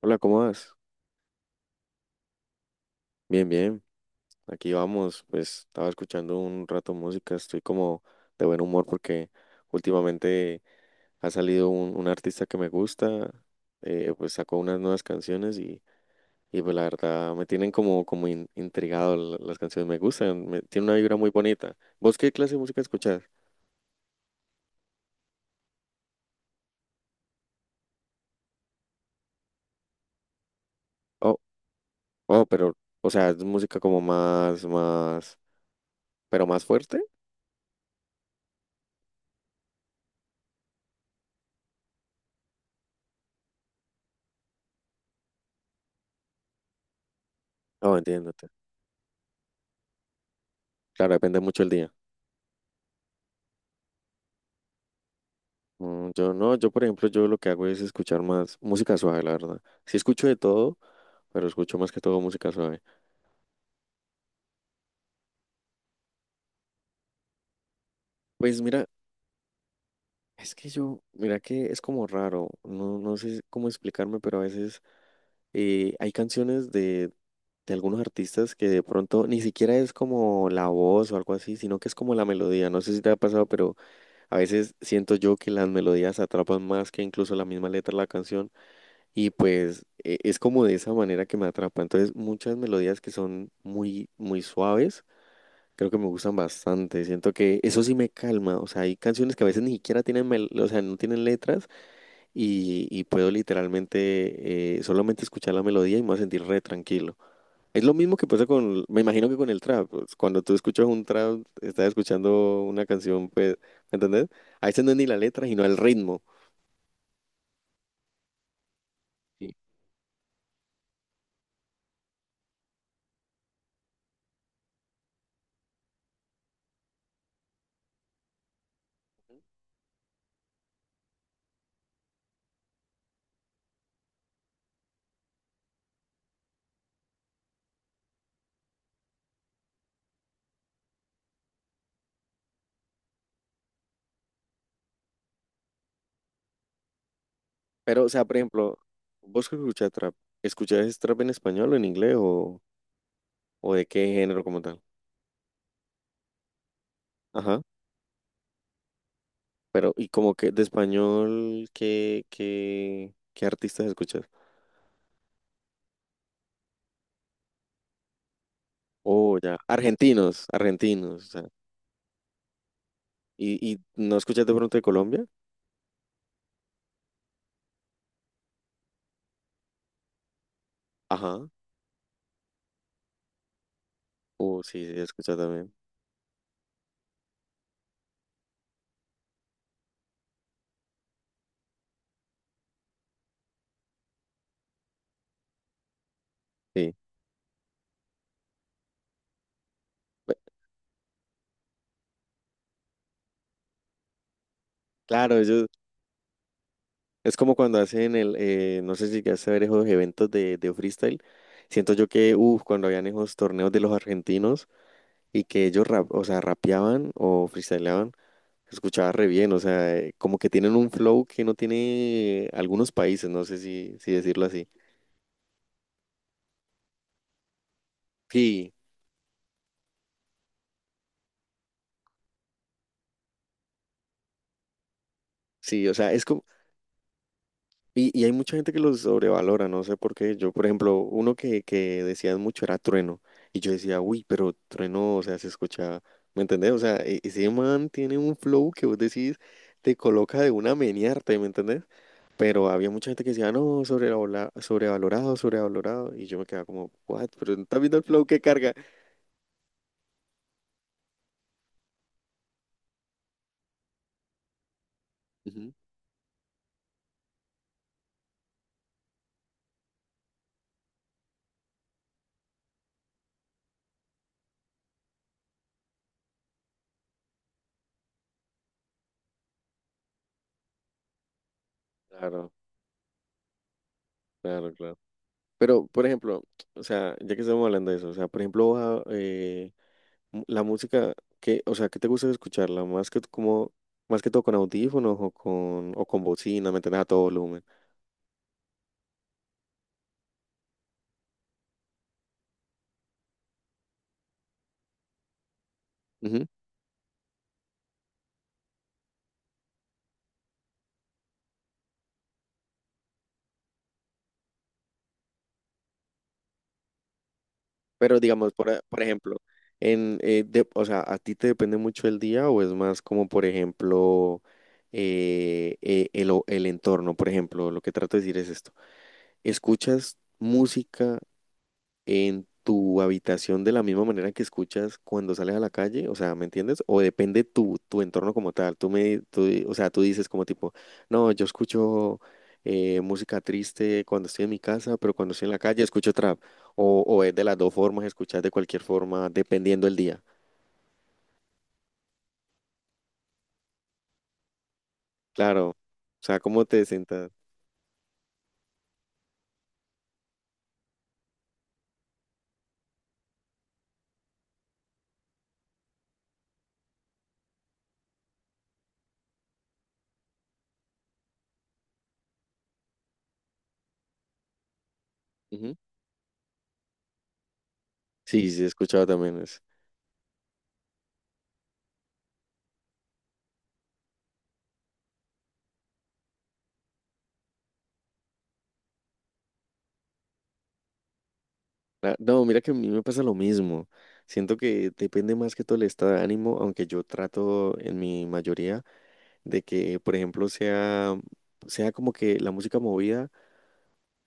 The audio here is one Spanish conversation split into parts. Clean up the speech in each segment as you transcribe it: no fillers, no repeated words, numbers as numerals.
Hola, ¿cómo vas? Bien, bien. Aquí vamos. Pues estaba escuchando un rato música. Estoy como de buen humor porque últimamente ha salido un artista que me gusta. Pues sacó unas nuevas canciones y pues la verdad me tienen como, intrigado. Las canciones me gustan. Tiene una vibra muy bonita. ¿Vos qué clase de música escuchás? Oh, oh, pero, o sea, es música como pero más fuerte. Oh, entiéndote. Claro, depende mucho el día. Yo no, yo por ejemplo, yo lo que hago es escuchar más música suave, la verdad. Sí escucho de todo, pero escucho más que todo música suave. Pues mira, es que yo, mira que es como raro, no, no sé cómo explicarme, pero a veces hay canciones de algunos artistas que de pronto ni siquiera es como la voz o algo así, sino que es como la melodía. No sé si te ha pasado, pero a veces siento yo que las melodías atrapan más que incluso la misma letra de la canción. Y pues es como de esa manera que me atrapa. Entonces, muchas melodías que son muy, muy suaves, creo que me gustan bastante. Siento que eso sí me calma. O sea, hay canciones que a veces ni siquiera tienen, o sea, no tienen letras y puedo literalmente solamente escuchar la melodía y me voy a sentir re tranquilo. Es lo mismo que pasa con, me imagino que con el trap. Pues, cuando tú escuchas un trap, estás escuchando una canción, pues, ¿me entendés? A veces no es ni la letra, sino el ritmo. Pero, o sea, por ejemplo, vos que ¿escuchás trap en español o en inglés o de qué género como tal? Ajá. Pero, y como que de español, ¿ qué artistas escuchas? Oh, ya. Argentinos, argentinos. O sea. Y no escuchas de pronto de Colombia? Ajá. Oh, sí, sí, he escuchado también. Sí. Pe- claro, ellos, es como cuando hacen el, no sé si llegaste a ver esos eventos de freestyle. Siento yo que, uff, cuando habían esos torneos de los argentinos. Y que ellos rap, o sea, rapeaban o freestyleaban, se escuchaba re bien, o sea, como que tienen un flow que no tiene algunos países, no sé si, si decirlo así. Sí, sí, o sea, es como, y hay mucha gente que los sobrevalora, no sé por qué. Yo, por ejemplo, uno que decían mucho era Trueno, y yo decía, uy, pero Trueno, o sea, se escucha, ¿me entendés? O sea, e- ese man tiene un flow que vos decís, te coloca de una a menearte, ¿me entendés? Pero había mucha gente que decía, no, sobrevalorado, sobrevalorado, sobrevalorado. Y yo me quedaba como, what? Pero no estás viendo el flow que carga. Ujú. Claro, claro, claro. Pero, por ejemplo, o sea, ya que estamos hablando de eso, o sea, por ejemplo, va, la música que, o sea, ¿qué te gusta escucharla? Más que como, más que todo con audífonos o con bocina, ¿me entiendes? A todo volumen. Pero digamos, por, por ejemplo, en, o sea, ¿a ti te depende mucho el día o es más como, por ejemplo, el, el entorno? Por ejemplo, lo que trato de decir es esto. ¿Escuchas música en tu habitación de la misma manera que escuchas cuando sales a la calle? O sea, ¿me entiendes? O depende tu entorno como tal, tú me, o sea, tú dices como tipo, no, yo escucho música triste cuando estoy en mi casa, pero cuando estoy en la calle escucho trap, o es de las dos formas, escuchas de cualquier forma, dependiendo el día, claro, o sea, ¿cómo te sientas? Ujú. Sí, sí, he escuchado también eso. Ah, no, mira que a mí me pasa lo mismo. Siento que depende más que todo el estado de ánimo, aunque yo trato en mi mayoría de que, por ejemplo, sea, sea como que la música movida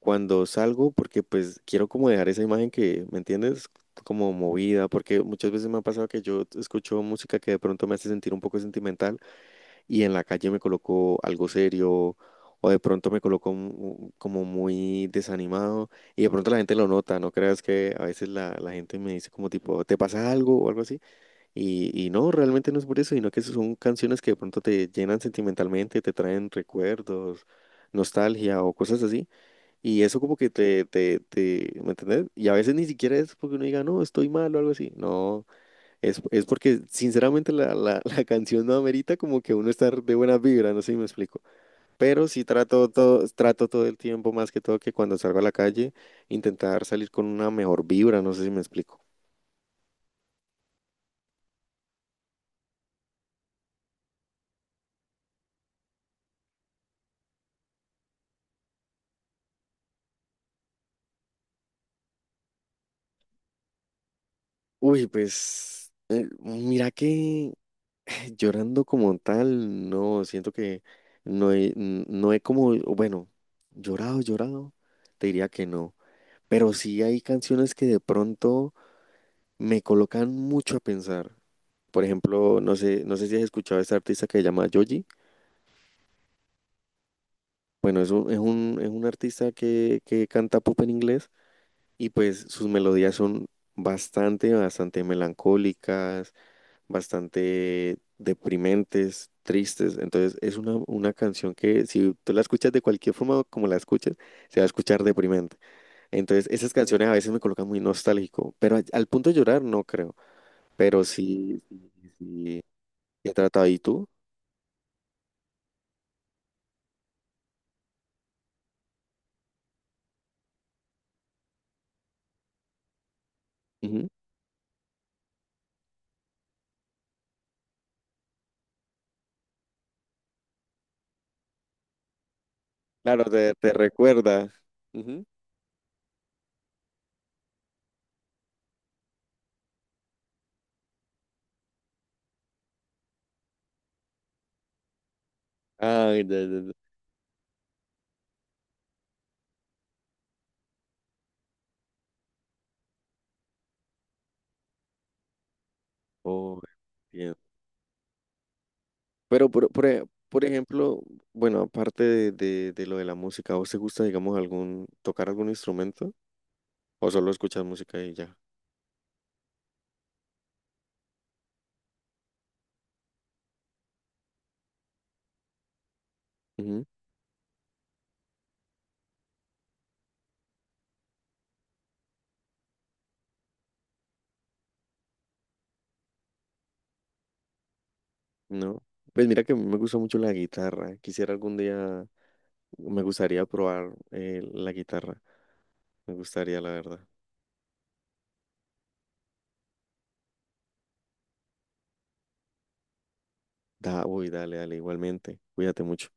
cuando salgo, porque pues quiero como dejar esa imagen que, ¿me entiendes? Como movida, porque muchas veces me ha pasado que yo escucho música que de pronto me hace sentir un poco sentimental y en la calle me coloco algo serio. O de pronto me coloco como muy desanimado y de pronto la gente lo nota, no creas que a veces la gente me dice como tipo, ¿te pasa algo o algo así? Y no, realmente no es por eso, sino que son canciones que de pronto te llenan sentimentalmente, te traen recuerdos, nostalgia o cosas así. Y eso como que ¿me entendés? Y a veces ni siquiera es porque uno diga, no, estoy mal o algo así. No, es porque sinceramente la canción no amerita como que uno estar de buena vibra, no sé si me explico. Pero sí trato todo el tiempo, más que todo que cuando salgo a la calle, intentar salir con una mejor vibra, no sé si me explico. Uy, pues mira que llorando como tal, no, siento que no he como, bueno, llorado, llorado, te diría que no, pero sí hay canciones que de pronto me colocan mucho a pensar. Por ejemplo, no sé, no sé si has escuchado a este artista que se llama Joji. Bueno, es un artista que canta pop en inglés y pues sus melodías son bastante, bastante melancólicas, bastante deprimentes, tristes. Entonces es una canción que si tú la escuchas de cualquier forma como la escuches, se va a escuchar deprimente. Entonces esas canciones a veces me colocan muy nostálgico, pero a- al punto de llorar no creo, pero sí, sí, sí, he tratado. ¿Y tú? Ujú. Claro, te recuerda. Ujú. Ay, de- oh, entiendo. Pero por, por ejemplo, bueno, aparte de lo de la música, ¿a vos te gusta, digamos, algún, tocar algún instrumento? O solo escuchas música y ya. Ujú, no. Pues mira que me gusta mucho la guitarra. Quisiera algún día, me gustaría probar la guitarra. Me gustaría, la verdad. Da, uy, dale, dale, igualmente. Cuídate mucho.